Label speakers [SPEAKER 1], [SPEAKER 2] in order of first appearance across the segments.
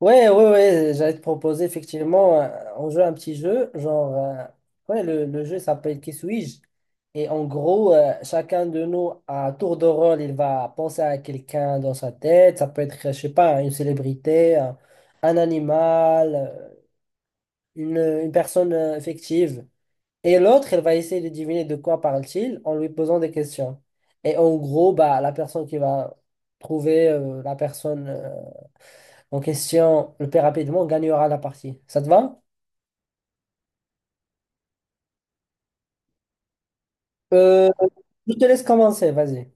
[SPEAKER 1] Ouais, ouais, ouais, j'allais te proposer effectivement, on joue à un petit jeu, le jeu s'appelle Qui suis-je? Et en gros, chacun de nous, à tour de rôle, il va penser à quelqu'un dans sa tête, ça peut être, je sais pas, une célébrité, un animal, une, une personne fictive. Et l'autre, elle va essayer de deviner de quoi parle-t-il en lui posant des questions. Et en gros, bah, la personne qui va trouver la personne. En question le plus rapidement gagnera la partie. Ça te va? Euh, je te laisse commencer, vas-y.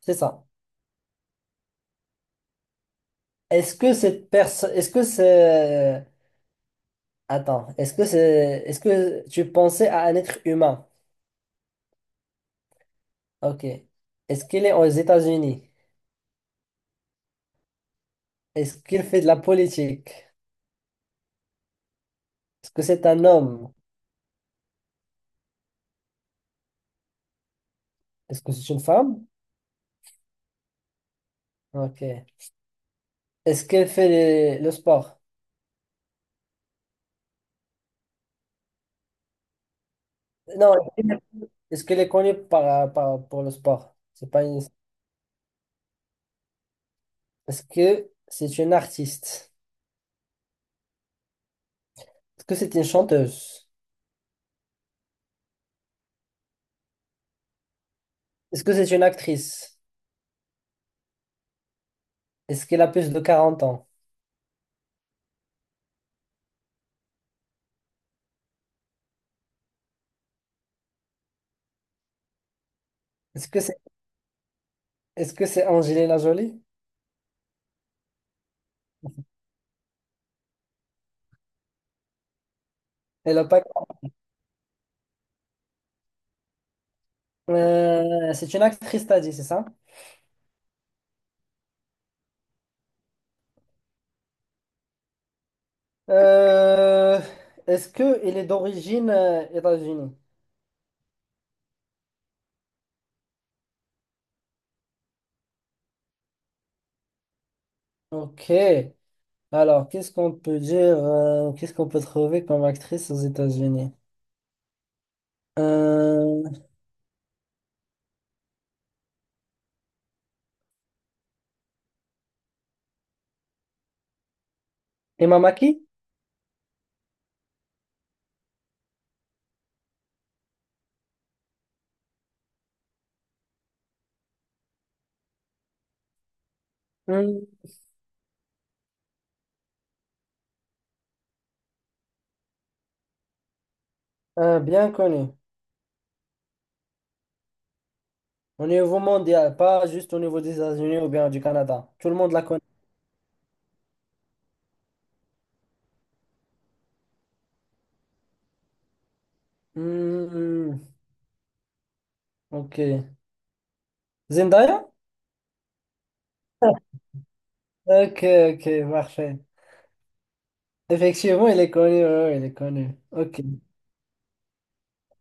[SPEAKER 1] C'est ça. Est-ce que cette personne, est-ce que c'est, attends, est-ce que c'est, Est-ce que tu pensais à un être humain? Ok. Est-ce qu'il est aux États-Unis? Est-ce qu'il fait de la politique? Est-ce que c'est un homme? Est-ce que c'est une femme? Ok. Est-ce qu'elle fait le sport? Non, est-ce qu'elle est connue pour le sport? C'est pas une- Est-ce que c'est une artiste? Est-ce que c'est une chanteuse? Est-ce que c'est une actrice? Est-ce qu'elle a plus de quarante ans? Est-ce que c'est Est-ce que c'est Angelina Jolie? Elle a pas... C'est une actrice, t'as dit, c'est ça? Euh, Est-ce qu'elle est d'origine États-Unis? Ok. Alors, qu'est-ce qu'on peut dire? Qu'est-ce qu'on peut trouver comme actrice aux États-Unis? Euh, Emma Mackey? Hmm, bien connue. Au niveau mondial, pas juste au niveau des États-Unis ou bien du Canada. Tout le monde la connaît. Hmm, hmm, hmm. Ok. Zendaya? Ok, ok, parfait. Effectivement, il est connu, ouais, ouais, il est connu. Ok,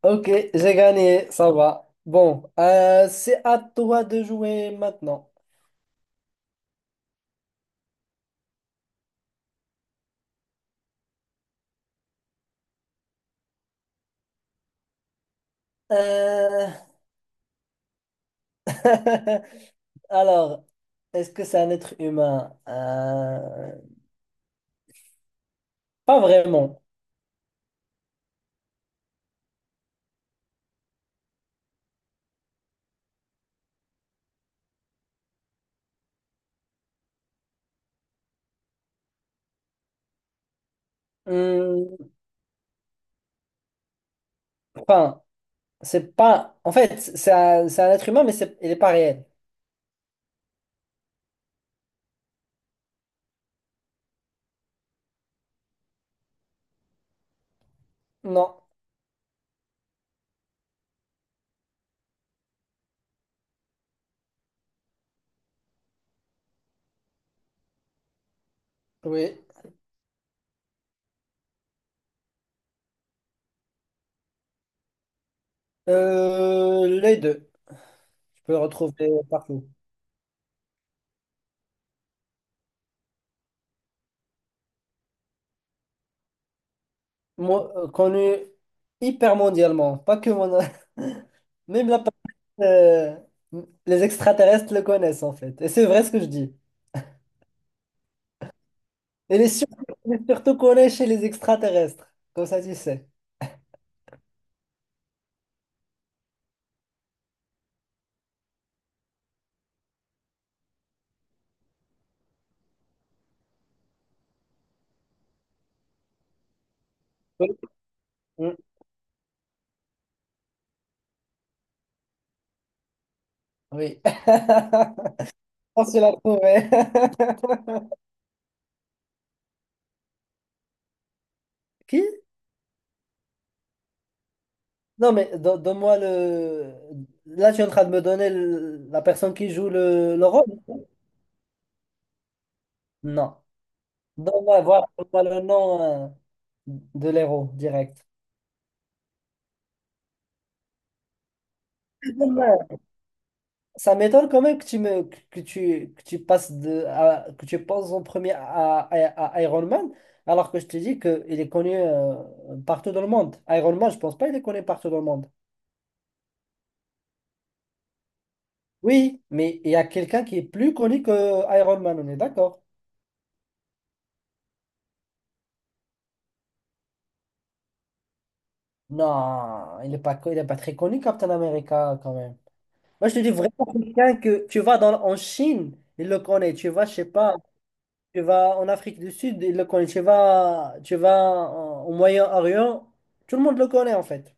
[SPEAKER 1] ok, j'ai gagné, ça va. Bon, c'est à toi de jouer maintenant. Euh, Alors, est-ce que c'est un être humain? Pas vraiment. Hmm, enfin, c'est pas. En fait, c'est un être humain, mais c'est... il n'est pas réel. Non. Oui. Les deux. Je peux le retrouver partout. Connu hyper mondialement, pas que mon... Même la euh, les extraterrestres le connaissent en fait. Et c'est vrai ce que je dis. Et les surtout, Surtout connue chez les extraterrestres. Comme ça, tu sais. Oui. Mm. Oui. On se l'a trouvé. Qui? Non, mais donne-moi le. Là, tu es en train de me donner la personne qui joue le rôle? Non. Donne-moi, voilà, donne-moi le nom de l'héros direct. Ça m'étonne quand même que tu passes que tu penses en premier à Iron Man alors que je te dis que il est connu partout dans le monde. Iron Man, je pense pas il est connu partout dans le monde. Oui, mais il y a quelqu'un qui est plus connu que Iron Man, on est d'accord? Non, il est pas très connu Captain America quand même. Moi je te dis vraiment quelqu'un que tu vas dans en Chine, il le connaît. Tu vas, je sais pas. Tu vas en Afrique du Sud, il le connaît. Tu vas au Moyen-Orient, tout le monde le connaît en fait.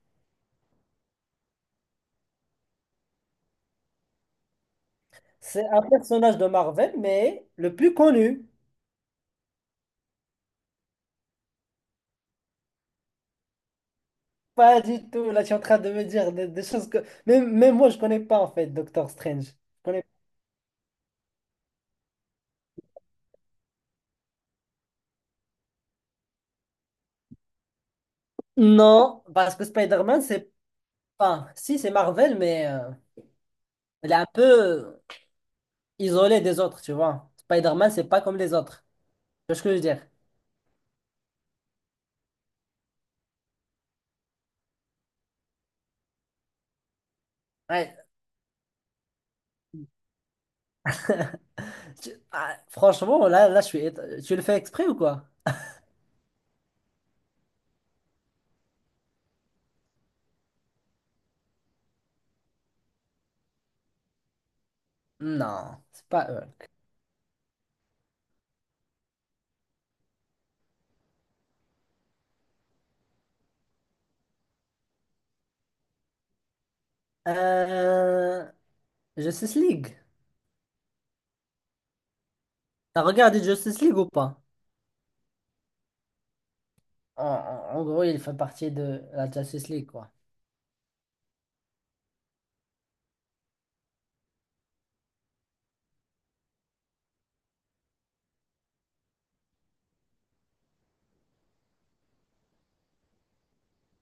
[SPEAKER 1] C'est un personnage de Marvel, mais le plus connu. Pas du tout. Là, tu es en train de me dire des choses que. Même moi, je connais pas en fait Doctor Strange. Je connais pas. Non, parce que Spider-Man, c'est pas. Si, c'est Marvel, mais il est un peu isolé des autres, tu vois. Spider-Man, c'est pas comme les autres. Tu vois ce que je veux dire? Ouais. Ah, franchement, là, Tu le fais exprès ou quoi? Non, c'est pas Hulk. Euh, Justice League. T'as regardé Justice League ou pas? En gros, il fait partie de la Justice League, quoi.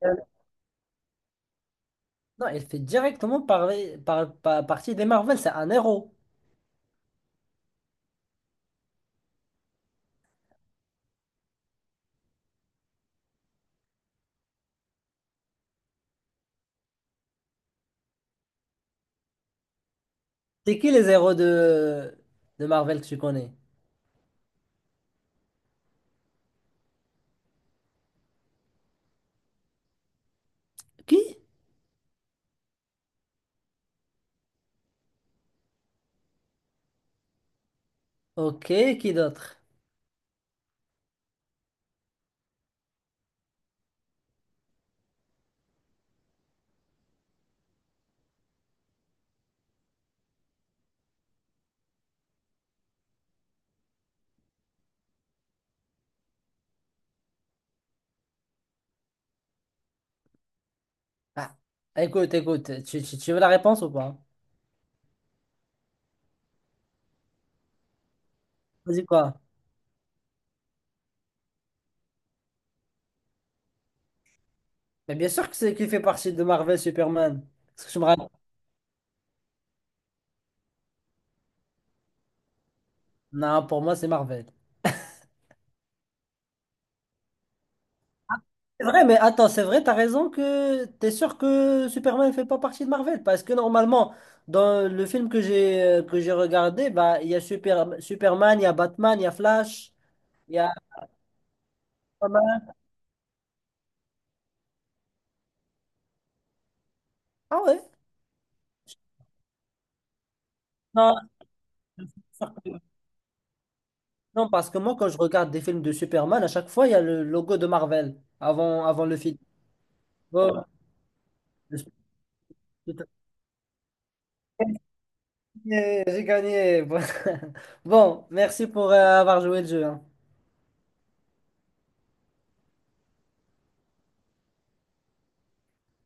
[SPEAKER 1] Euh, non, il fait directement partie des Marvel. C'est un héros. C'est qui les héros de Marvel que tu connais? Qui? Ok, qui d'autre? Ah, écoute, écoute, tu veux la réponse ou pas? Vas-y, quoi? Mais bien sûr que c'est qui fait partie de Marvel Superman. Parce que je me rappelle- Non, pour moi, c'est Marvel. C'est vrai, mais attends, c'est vrai, t'as raison que t'es sûr que Superman ne fait pas partie de Marvel, parce que normalement, dans le film que j'ai regardé, bah il y a Super, Superman, il y a Batman, il y a Flash, il y a pas Ah ouais? Non, non, parce que moi, quand je regarde des films de Superman, à chaque fois, il y a le logo de Marvel avant, le film. Bon, j'ai gagné. J'ai gagné. Bon, merci pour avoir joué le jeu. Hein.